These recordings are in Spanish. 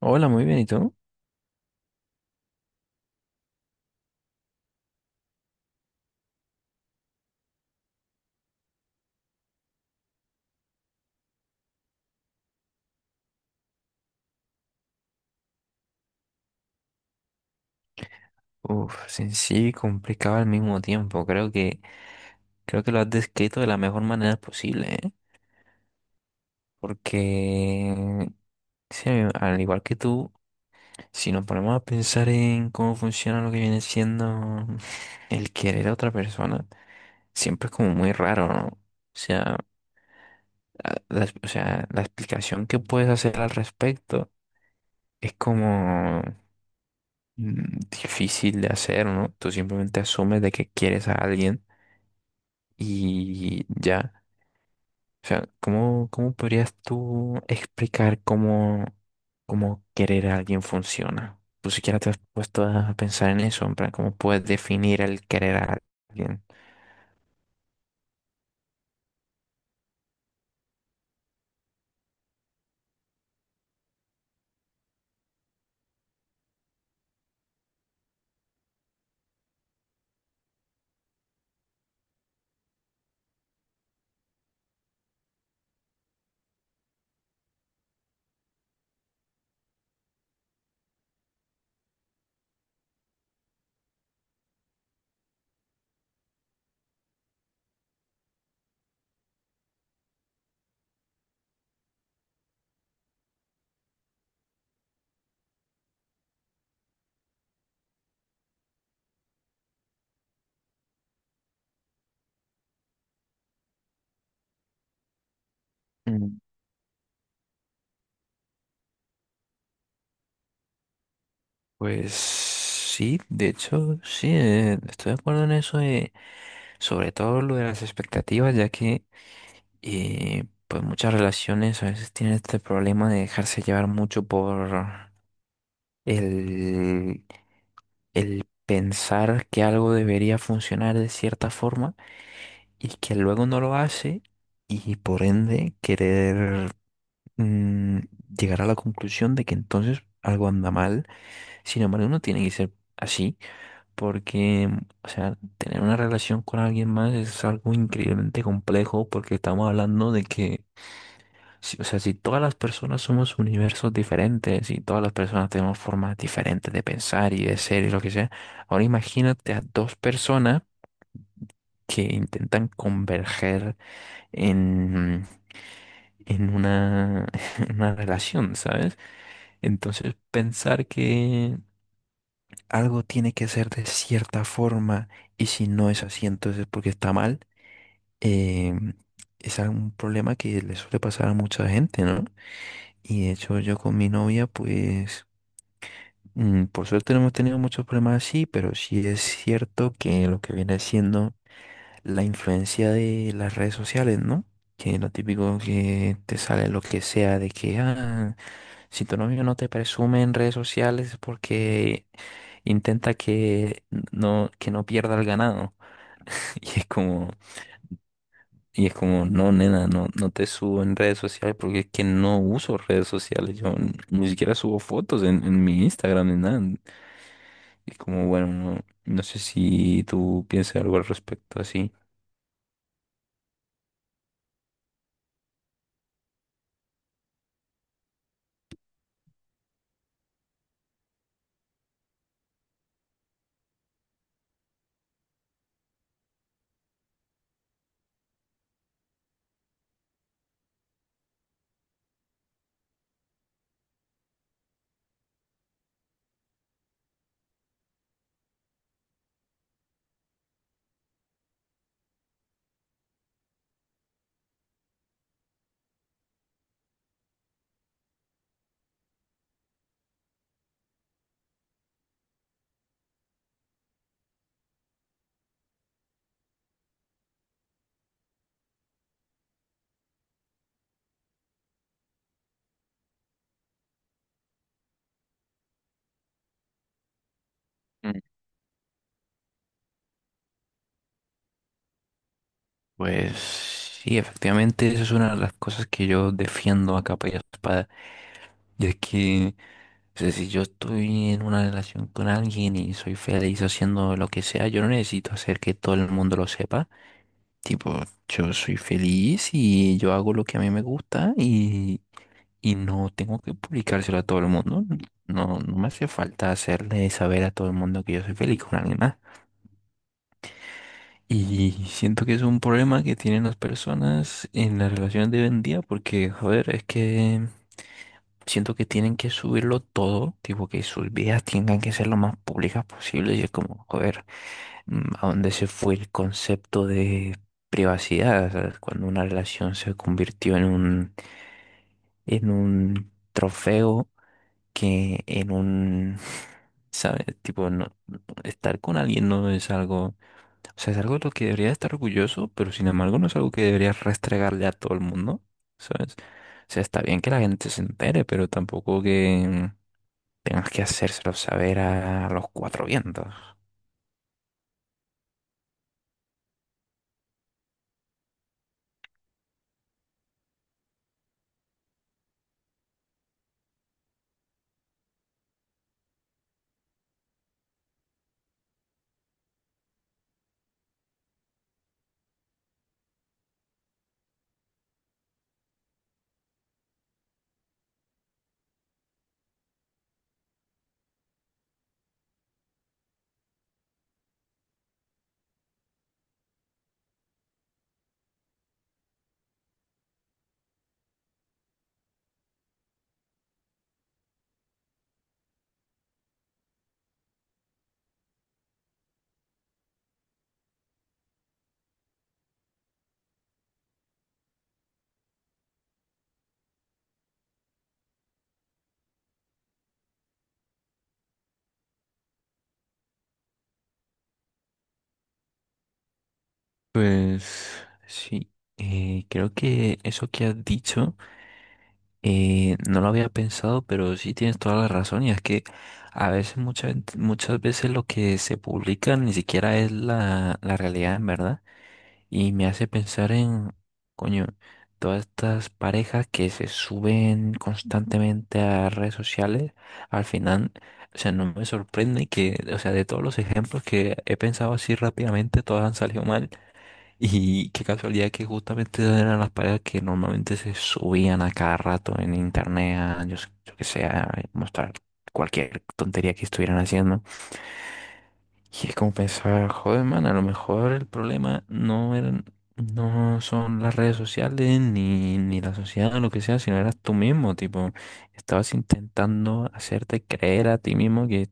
Hola, muy bien, ¿y tú? Uf, sencillo y complicado al mismo tiempo. Creo que lo has descrito de la mejor manera posible, ¿eh? Porque, sí, al igual que tú, si nos ponemos a pensar en cómo funciona lo que viene siendo el querer a otra persona, siempre es como muy raro, ¿no? O sea, la explicación que puedes hacer al respecto es como difícil de hacer, ¿no? Tú simplemente asumes de que quieres a alguien. Y ya, o sea, ¿cómo podrías tú explicar cómo querer a alguien funciona? ¿Tú siquiera te has puesto a pensar en eso? En plan, ¿cómo puedes definir el querer a alguien? Mm. Pues sí, de hecho, sí, estoy de acuerdo en eso, sobre todo lo de las expectativas, ya que pues muchas relaciones a veces tienen este problema de dejarse llevar mucho por el el pensar que algo debería funcionar de cierta forma y que luego no lo hace, y por ende querer, mm, llegar a la conclusión de que entonces algo anda mal. Sin embargo, no tiene que ser así porque, o sea, tener una relación con alguien más es algo increíblemente complejo, porque estamos hablando de que o sea, si todas las personas somos universos diferentes y todas las personas tenemos formas diferentes de pensar y de ser y lo que sea, ahora imagínate a dos personas que intentan converger en, en una, en una relación, ¿sabes? Entonces, pensar que algo tiene que ser de cierta forma y si no es así, entonces es porque está mal, eh, es un problema que le suele pasar a mucha gente, ¿no? Y de hecho yo con mi novia, pues, por suerte no hemos tenido muchos problemas así, pero sí es cierto que lo que viene siendo la influencia de las redes sociales, ¿no? Que lo típico que te sale lo que sea de que, ah, si tu novio no te presume en redes sociales es porque intenta que no pierda el ganado. Y es como, y es como, no, nena, no, no te subo en redes sociales porque es que no uso redes sociales. Yo ni siquiera subo fotos en mi Instagram ni nada. Y como, bueno, no, no sé si tú piensas algo al respecto así. Mm. Pues sí, efectivamente, esa es una de las cosas que yo defiendo a capa y espada. Y es que, o sea, si yo estoy en una relación con alguien y soy feliz haciendo lo que sea, yo no necesito hacer que todo el mundo lo sepa. Tipo, yo soy feliz y yo hago lo que a mí me gusta, y no tengo que publicárselo a todo el mundo. No, no me hace falta hacerle saber a todo el mundo que yo soy feliz con alguien más. Y siento que es un problema que tienen las personas en las relaciones de hoy en día, porque, joder, es que siento que tienen que subirlo todo, tipo que sus vidas tengan que ser lo más públicas posible, y es como, joder, ¿a dónde se fue el concepto de privacidad? ¿Sabes? Cuando una relación se convirtió en un trofeo que en un, ¿sabes? Tipo, no, estar con alguien no es algo, o sea, es algo de lo que debería estar orgulloso, pero sin embargo no es algo que deberías restregarle a todo el mundo, ¿sabes? O sea, está bien que la gente se entere, pero tampoco que tengas que hacérselo saber a los cuatro vientos. Pues sí, creo que eso que has dicho, no lo había pensado, pero sí tienes toda la razón, y es que a veces, muchas veces lo que se publica ni siquiera es la realidad, en verdad. Y me hace pensar en, coño, todas estas parejas que se suben constantemente a redes sociales, al final, o sea, no me sorprende que, o sea, de todos los ejemplos que he pensado así rápidamente, todas han salido mal. Y qué casualidad que justamente eran las parejas que normalmente se subían a cada rato en internet, a, yo que sé, a mostrar cualquier tontería que estuvieran haciendo. Y es como pensar, joder, man, a lo mejor el problema no son las redes sociales ni la sociedad o lo que sea, sino eras tú mismo, tipo, estabas intentando hacerte creer a ti mismo que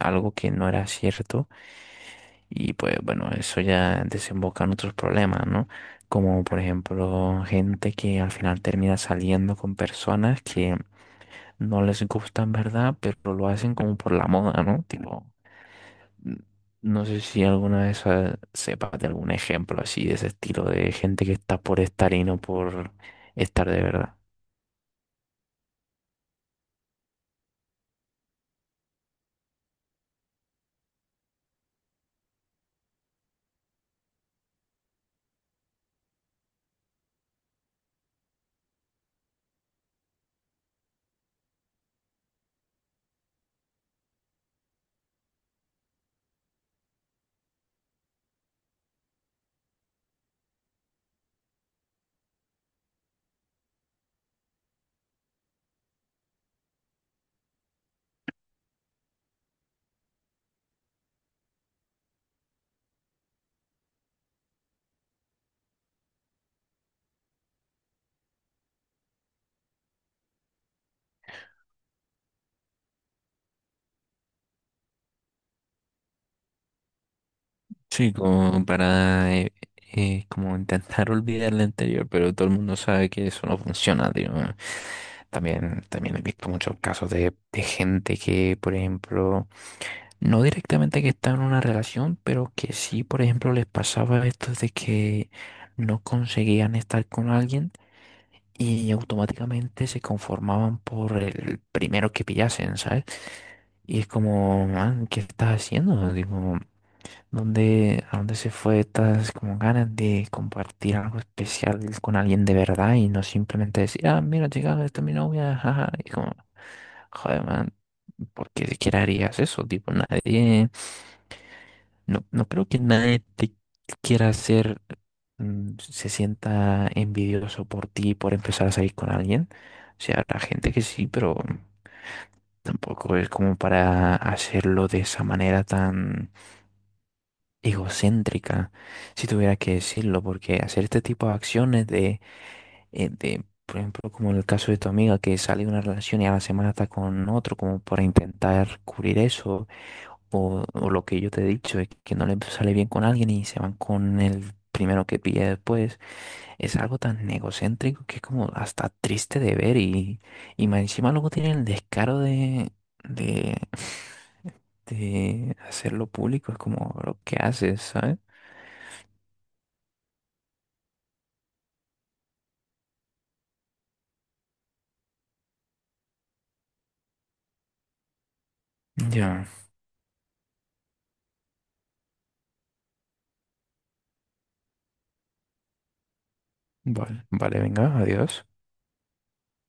algo que no era cierto, y pues bueno, eso ya desemboca en otros problemas, ¿no? Como por ejemplo, gente que al final termina saliendo con personas que no les gusta, ¿en verdad? Pero lo hacen como por la moda, ¿no? Tipo, no sé si alguna vez sepas de algún ejemplo así de ese estilo, de gente que está por estar y no por estar de verdad. Sí, como para como intentar olvidar lo anterior, pero todo el mundo sabe que eso no funciona, tío. También, también he visto muchos casos de gente que, por ejemplo, no directamente que está en una relación, pero que sí, por ejemplo, les pasaba esto de que no conseguían estar con alguien, y automáticamente se conformaban por el primero que pillasen, ¿sabes? Y es como, man, ¿qué estás haciendo? Digo, a dónde se fue estas como ganas de compartir algo especial con alguien de verdad y no simplemente decir, ah, mira, chica, esta es mi novia, jaja, y como, joder, man, ¿por qué siquiera harías eso? Tipo, nadie. No, no creo que nadie te quiera hacer, se sienta envidioso por ti por empezar a salir con alguien. O sea, habrá gente que sí, pero tampoco es como para hacerlo de esa manera tan egocéntrica, si tuviera que decirlo, porque hacer este tipo de acciones de por ejemplo, como en el caso de tu amiga que sale de una relación y a la semana está con otro, como para intentar cubrir eso, o lo que yo te he dicho, es que no le sale bien con alguien y se van con el primero que pilla después, es algo tan egocéntrico que es como hasta triste de ver, y más encima luego tienen el descaro de de hacerlo público, es como lo que haces, ¿sabes? Ya, vale, vale, venga, adiós.